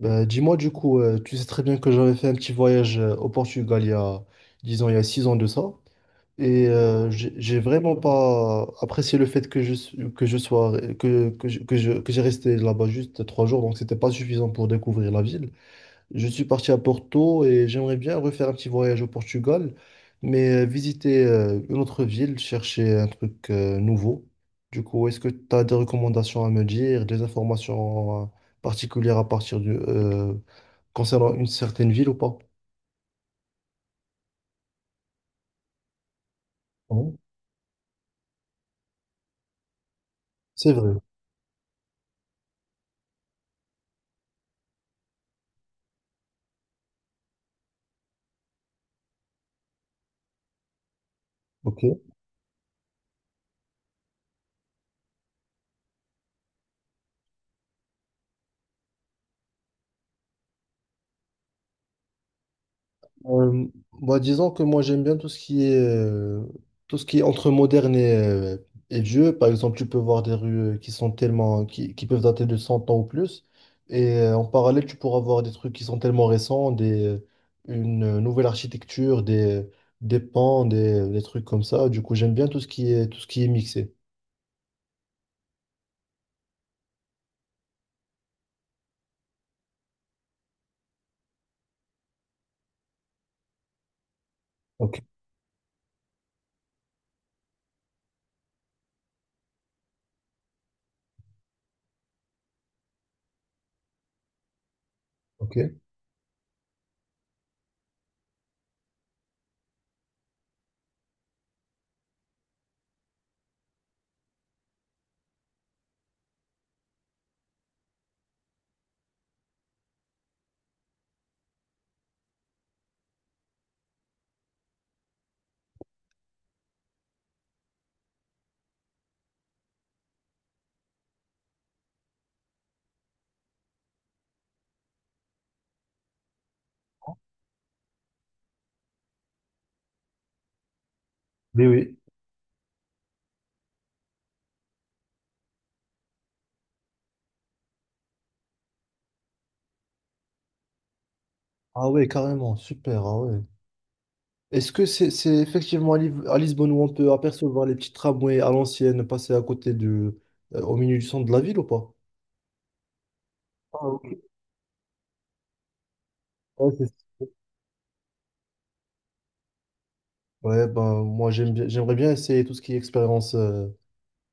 Bah, dis-moi du coup, tu sais très bien que j'avais fait un petit voyage au Portugal il y a, disons, il y a 6 ans de ça. Et j'ai vraiment pas apprécié le fait que j'ai resté là-bas juste 3 jours, donc c'était pas suffisant pour découvrir la ville. Je suis parti à Porto et j'aimerais bien refaire un petit voyage au Portugal, mais visiter une autre ville, chercher un truc nouveau. Du coup, est-ce que tu as des recommandations à me dire, des informations particulières concernant une certaine ville ou pas? Oui, c'est vrai, ok. Euh, Bah, disons que moi j'aime bien tout ce qui est tout ce qui est entre moderne et vieux. Par exemple, tu peux voir des rues qui sont tellement qui peuvent dater de 100 ans ou plus. Et en parallèle, tu pourras voir des trucs qui sont tellement récents, des une nouvelle architecture, des pans, des trucs comme ça. Du coup, j'aime bien tout ce qui est mixé. Ok, ok. Oui, oui. Ah ouais, carrément, super. Ah ouais. Est-ce que c'est effectivement à Lisbonne où on peut apercevoir les petits tramways à l'ancienne passer à côté au milieu du centre de la ville ou pas? Ah, ok. Ouais, ouais, ben, moi j'aimerais bien essayer tout ce qui est expérience.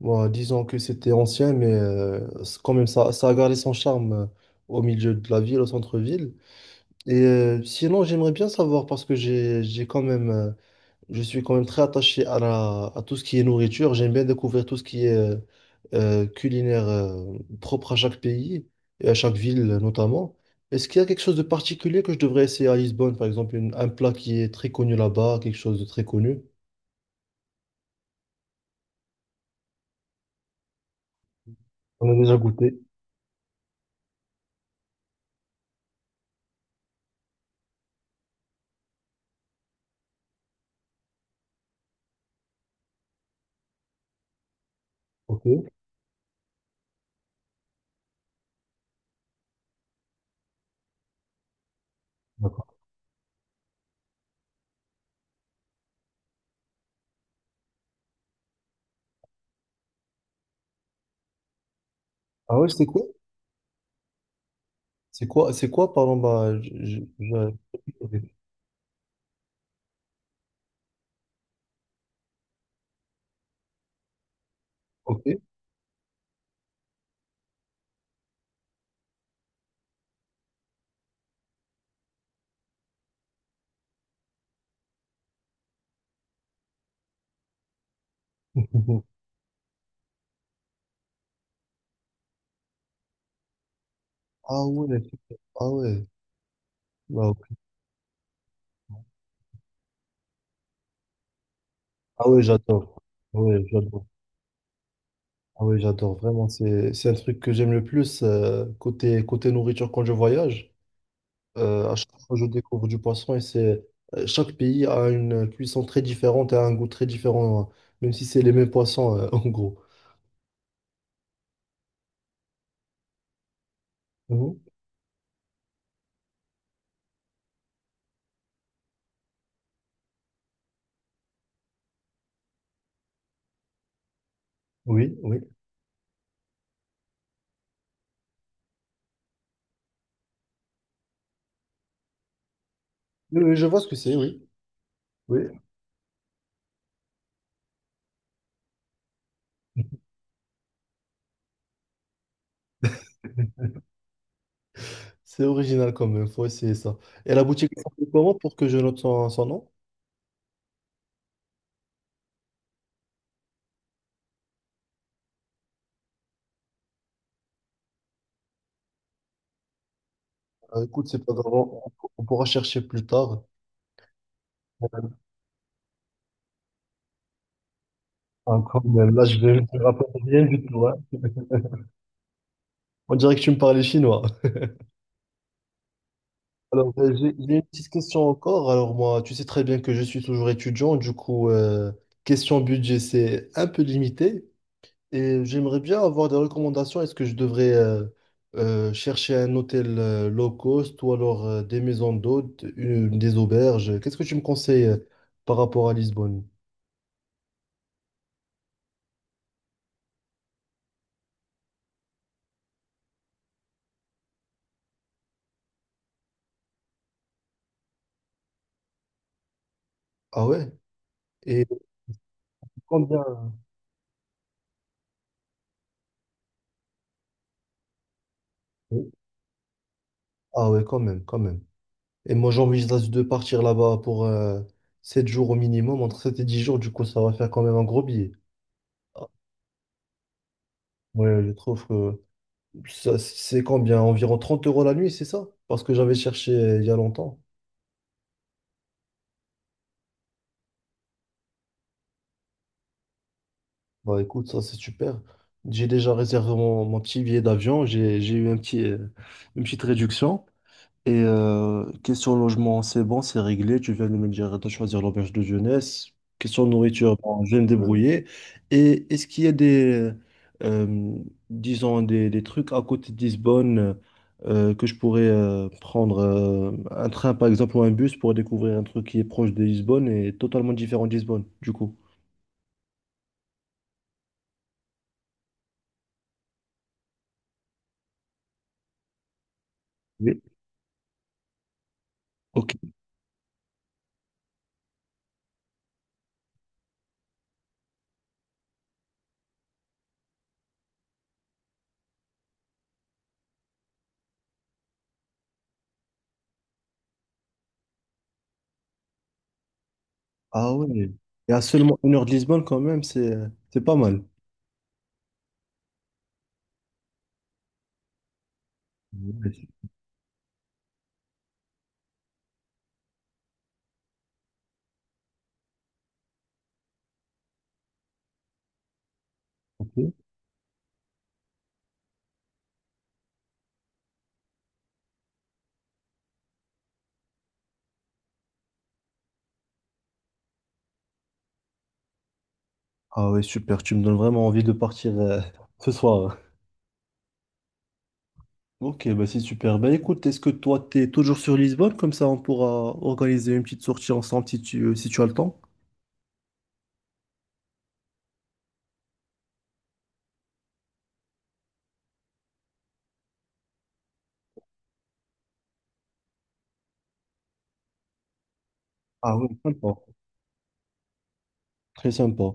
Bon, disons que c'était ancien, mais c'est quand même ça, ça a gardé son charme au milieu de la ville, au centre-ville. Et sinon, j'aimerais bien savoir parce que j'ai quand même Je suis quand même très attaché à tout ce qui est nourriture. J'aime bien découvrir tout ce qui est culinaire propre à chaque pays et à chaque ville notamment. Est-ce qu'il y a quelque chose de particulier que je devrais essayer à Lisbonne, par exemple, un plat qui est très connu là-bas, quelque chose de très connu? On a déjà goûté. Ok, d'accord. Ah ouais, c'est quoi? C'est quoi? C'est quoi? Pardon, bah, je- Ok. Ah ouais, ah ouais. Wow. Ah ouais, j'adore. Ouais, j'adore. Ah oui, j'adore vraiment. C'est un truc que j'aime le plus côté nourriture quand je voyage. À chaque fois, je découvre du poisson et c'est chaque pays a une cuisson très différente et a un goût très différent, hein, même si c'est les mêmes poissons en gros. Mhm. Oui, oui. Oui, oui, je vois ce que c'est, oui. Oui. C'est original quand même, faut essayer ça. Et la boutique, elle s'appelle comment pour que je note son nom? Écoute, c'est pas grave, on pourra chercher plus tard. Ah, quand même, là, je me rappelle rien du tout. Hein. On dirait que tu me parlais chinois. Alors, j'ai une petite question encore. Alors, moi, tu sais très bien que je suis toujours étudiant. Du coup, question budget, c'est un peu limité. Et j'aimerais bien avoir des recommandations. Est-ce que je devrais chercher un hôtel low cost ou alors des maisons d'hôtes, des auberges? Qu'est-ce que tu me conseilles par rapport à Lisbonne? Ah ouais? Et combien? Ah ouais, quand même, quand même. Et moi, j'envisage de partir là-bas pour 7 jours au minimum, entre 7 et 10 jours. Du coup, ça va faire quand même un gros billet. Ouais, je trouve que ça, c'est combien? Environ 30 € la nuit, c'est ça? Parce que j'avais cherché il y a longtemps. Bah écoute, ça c'est super. J'ai déjà réservé mon petit billet d'avion, j'ai eu une petite réduction. Et question logement, c'est bon, c'est réglé. Tu viens de me dire de choisir l'auberge de jeunesse. Question nourriture, bon, je vais me débrouiller. Et est-ce qu'il y a euh, disons, des trucs à côté de Lisbonne que je pourrais prendre un train, par exemple, ou un bus pour découvrir un truc qui est proche de Lisbonne et totalement différent de Lisbonne, du coup? Oui. Ok. Ah ouais. Et à seulement 1 heure de Lisbonne quand même, c'est pas mal. Ouais. Ah ouais, super, tu me donnes vraiment envie de partir ce soir. Ok, bah c'est super. Bah écoute, est-ce que toi, t'es toujours sur Lisbonne? Comme ça, on pourra organiser une petite sortie ensemble si tu as le temps. Ah oui, sympa, très sympa.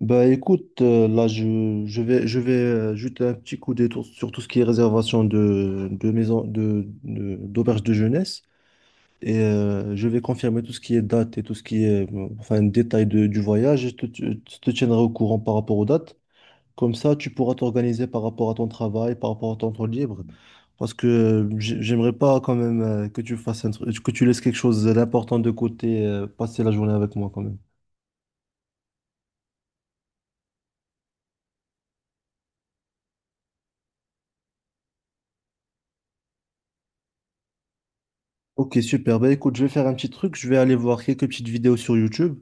Bah écoute, là je vais jeter un petit coup d'œil sur tout ce qui est réservation de maison de- d'auberge de jeunesse. Et je vais confirmer tout ce qui est date et tout ce qui est enfin, détail du voyage. Je te tiendrai au courant par rapport aux dates. Comme ça, tu pourras t'organiser par rapport à ton travail, par rapport à ton temps libre. Parce que j'aimerais pas quand même que tu fasses un truc, que tu laisses quelque chose d'important de côté, passer la journée avec moi quand même. Ok, super. Bah écoute, je vais faire un petit truc. Je vais aller voir quelques petites vidéos sur YouTube.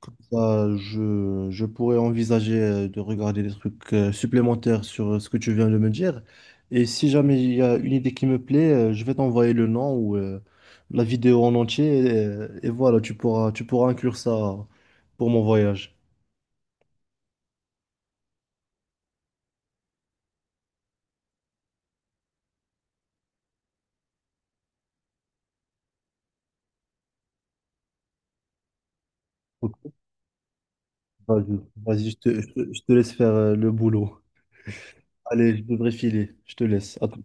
Comme ça, je pourrais envisager de regarder des trucs supplémentaires sur ce que tu viens de me dire. Et si jamais il y a une idée qui me plaît, je vais t'envoyer le nom ou la vidéo en entier. Et voilà, tu pourras inclure ça pour mon voyage. Ok, vas-y, vas-y, je te laisse faire le boulot. Allez, je devrais filer. Je te laisse. À tout